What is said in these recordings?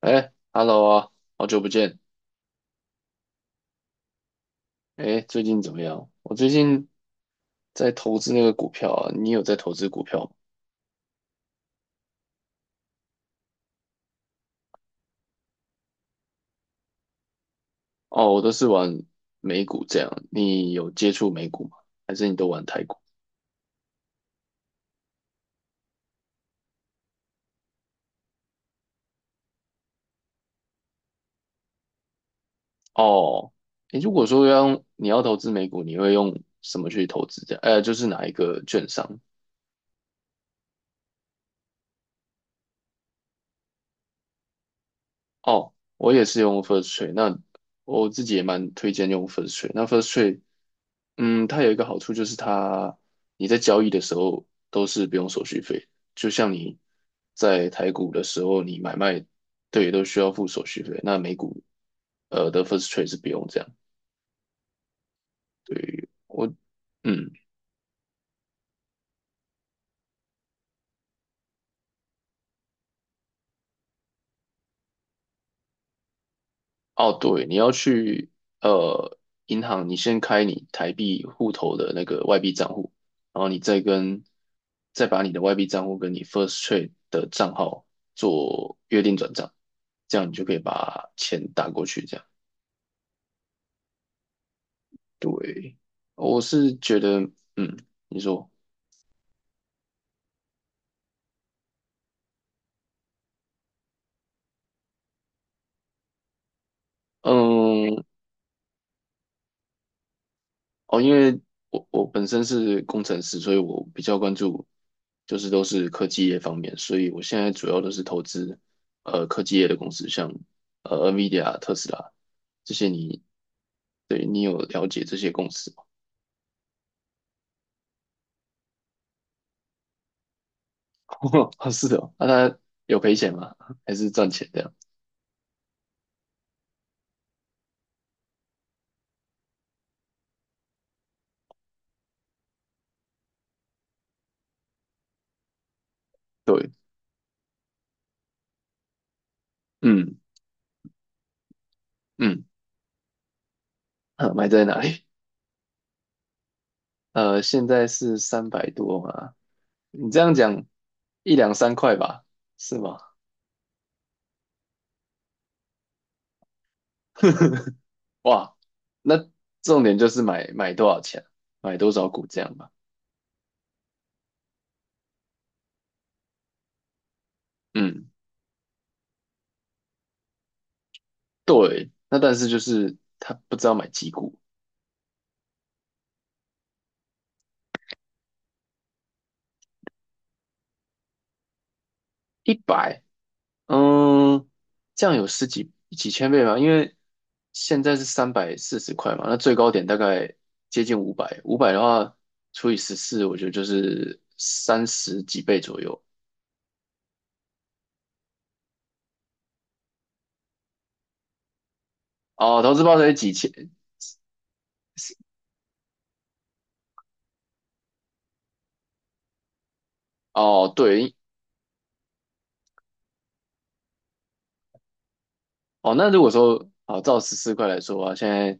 哎，Hello 啊，好久不见。哎，最近怎么样？我最近在投资那个股票啊，你有在投资股票吗？哦，我都是玩美股这样。你有接触美股吗？还是你都玩台股？哦，哎，如果说你要投资美股，你会用什么去投资这样？就是哪一个券商？哦，我也是用 First Trade，那我自己也蛮推荐用 First Trade。那 First Trade， 它有一个好处就是它，你在交易的时候都是不用手续费，就像你在台股的时候，你买卖，对，都需要付手续费，那美股的 first trade 是不用这样。对，嗯，哦对，你要去呃银行，你先开你台币户头的那个外币账户，然后你再把你的外币账户跟你 first trade 的账号做约定转账，这样你就可以把钱打过去，这样。对，我是觉得，嗯，你说。嗯，哦，因为我本身是工程师，所以我比较关注，就是都是科技业方面，所以我现在主要都是投资，科技业的公司，像NVIDIA 啊、特斯拉这些对，你有了解这些公司吗？啊，是的哦。啊它有赔钱吗？还是赚钱的样？对，嗯嗯。啊，买在哪里？现在是三百多嘛？你这样讲，一两三块吧，是吗？哇。那重点就是买多少钱，买多少股这样吧。嗯，对。那但是就是他不知道买几股，一百，嗯，这样有几千倍吗？因为现在是340块嘛，那最高点大概接近五百，五百的话除以十四，我觉得就是三十几倍左右。哦，投资报酬率几千？哦，对。哦，那如果说，好，照十四块来说啊，现在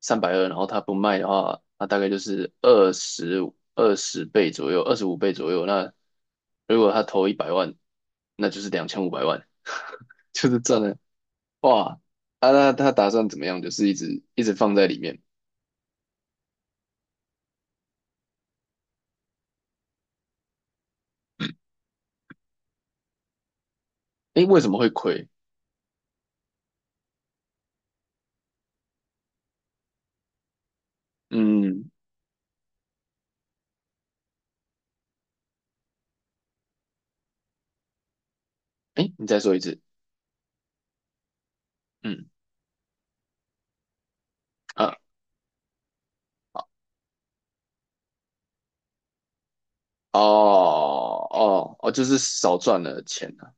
320，然后他不卖的话，那大概就是二十倍左右，25倍左右。那如果他投一百万，那就是2,500万，就是赚了。哇！啊，那他打算怎么样？就是一直一直放在里面。诶，为什么会亏？嗯。诶，你再说一次。嗯啊。哦哦哦，就是少赚了钱啊。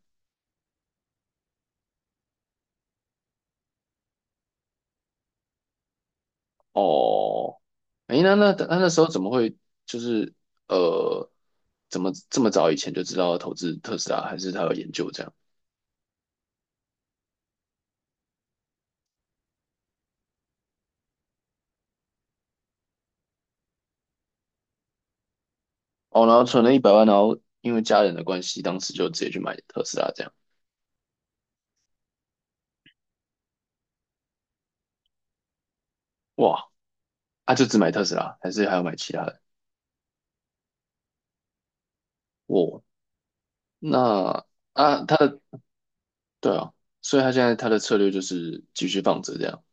哦。哎，那时候怎么会就是呃，怎么这么早以前就知道要投资特斯拉，还是他有研究这样？哦，然后存了一百万，然后因为家人的关系，当时就直接去买特斯拉这样。哇。啊，就只买特斯拉，还是还要买其他的？哇。那啊，对啊，所以他现在他的策略就是继续放着这样。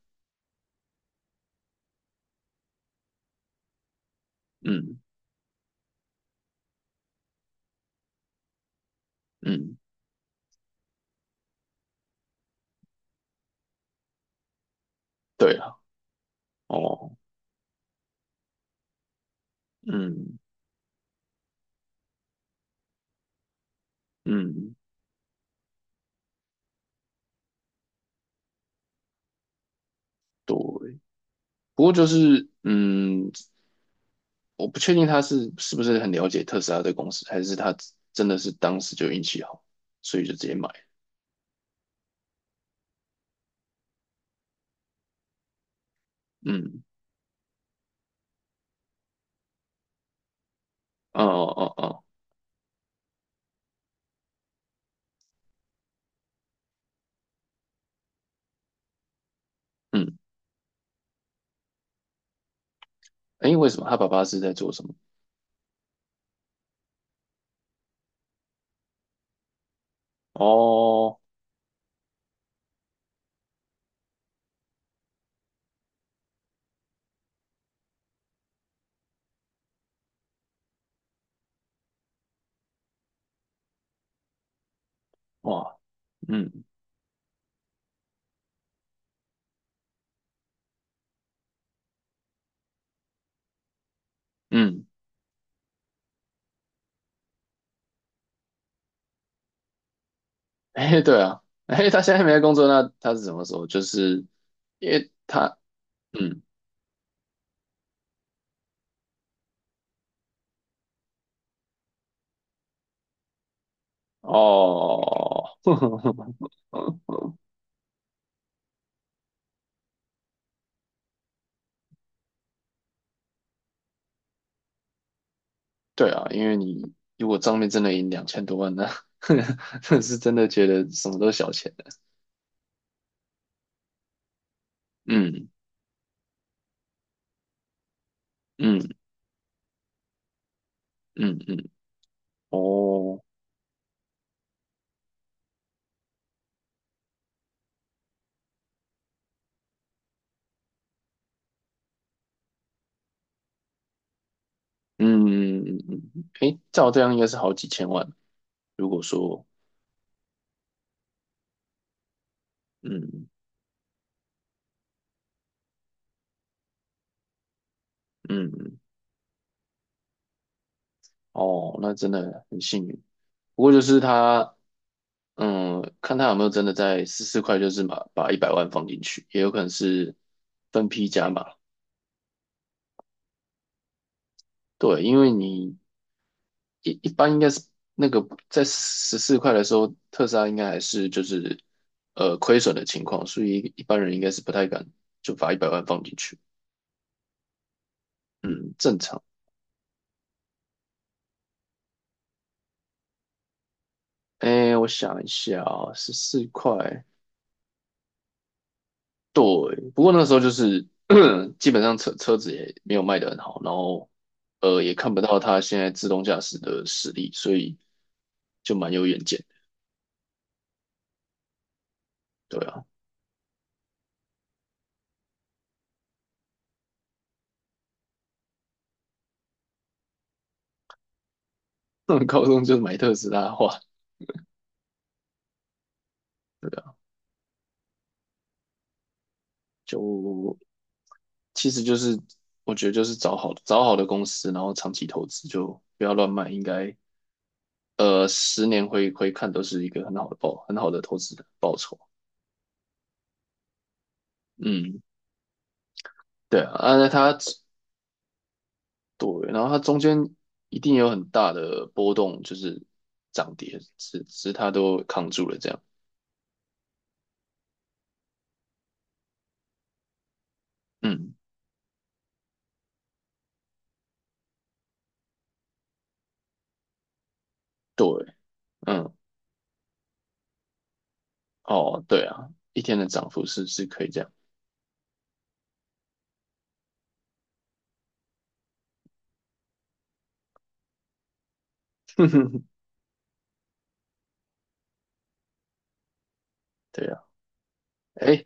嗯嗯。对啊。哦。嗯嗯。对。不过就是，我不确定他是不是很了解特斯拉的公司，还是他真的是当时就运气好，所以就直接买。嗯。哦哦哦哦。嗯。诶，为什么他爸爸是在做什么？哦。哇。嗯嗯。诶，对啊。诶，他现在没在工作，那他是什么时候？就是因为他，嗯，哦。对啊，因为你如果账面真的赢两千多万，那 那是真的觉得什么都是小钱的。嗯嗯嗯嗯。哦。嗯嗯嗯嗯。诶，照这样应该是好几千万。如果说，嗯嗯。哦，那真的很幸运。不过就是他，看他有没有真的在四块，就是把一百万放进去，也有可能是分批加码。对，因为你一般应该是那个在十四块的时候，特斯拉应该还是就是亏损的情况，所以一般人应该是不太敢就把一百万放进去。嗯，正常。哎，我想一下啊，十四块。对。不过那时候就是 基本上车子也没有卖得很好，然后也看不到它现在自动驾驶的实力，所以就蛮有远见的。对啊。高中就是买特斯拉的话，对啊，就其实就是我觉得就是找好的公司，然后长期投资，就不要乱卖，应该10年回看都是一个很好的投资的报酬。嗯。对啊。啊，对。然后它中间一定有很大的波动，就是涨跌，只是它都扛住了这样。嗯。对。嗯。哦，对啊，一天的涨幅是可以这样。对啊。哎，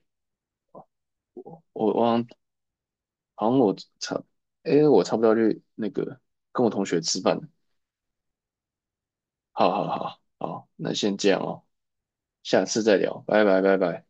我好像好像我差，哎，我差不多要去那个跟我同学吃饭了。好好好好，那先这样哦，下次再聊，拜拜拜拜。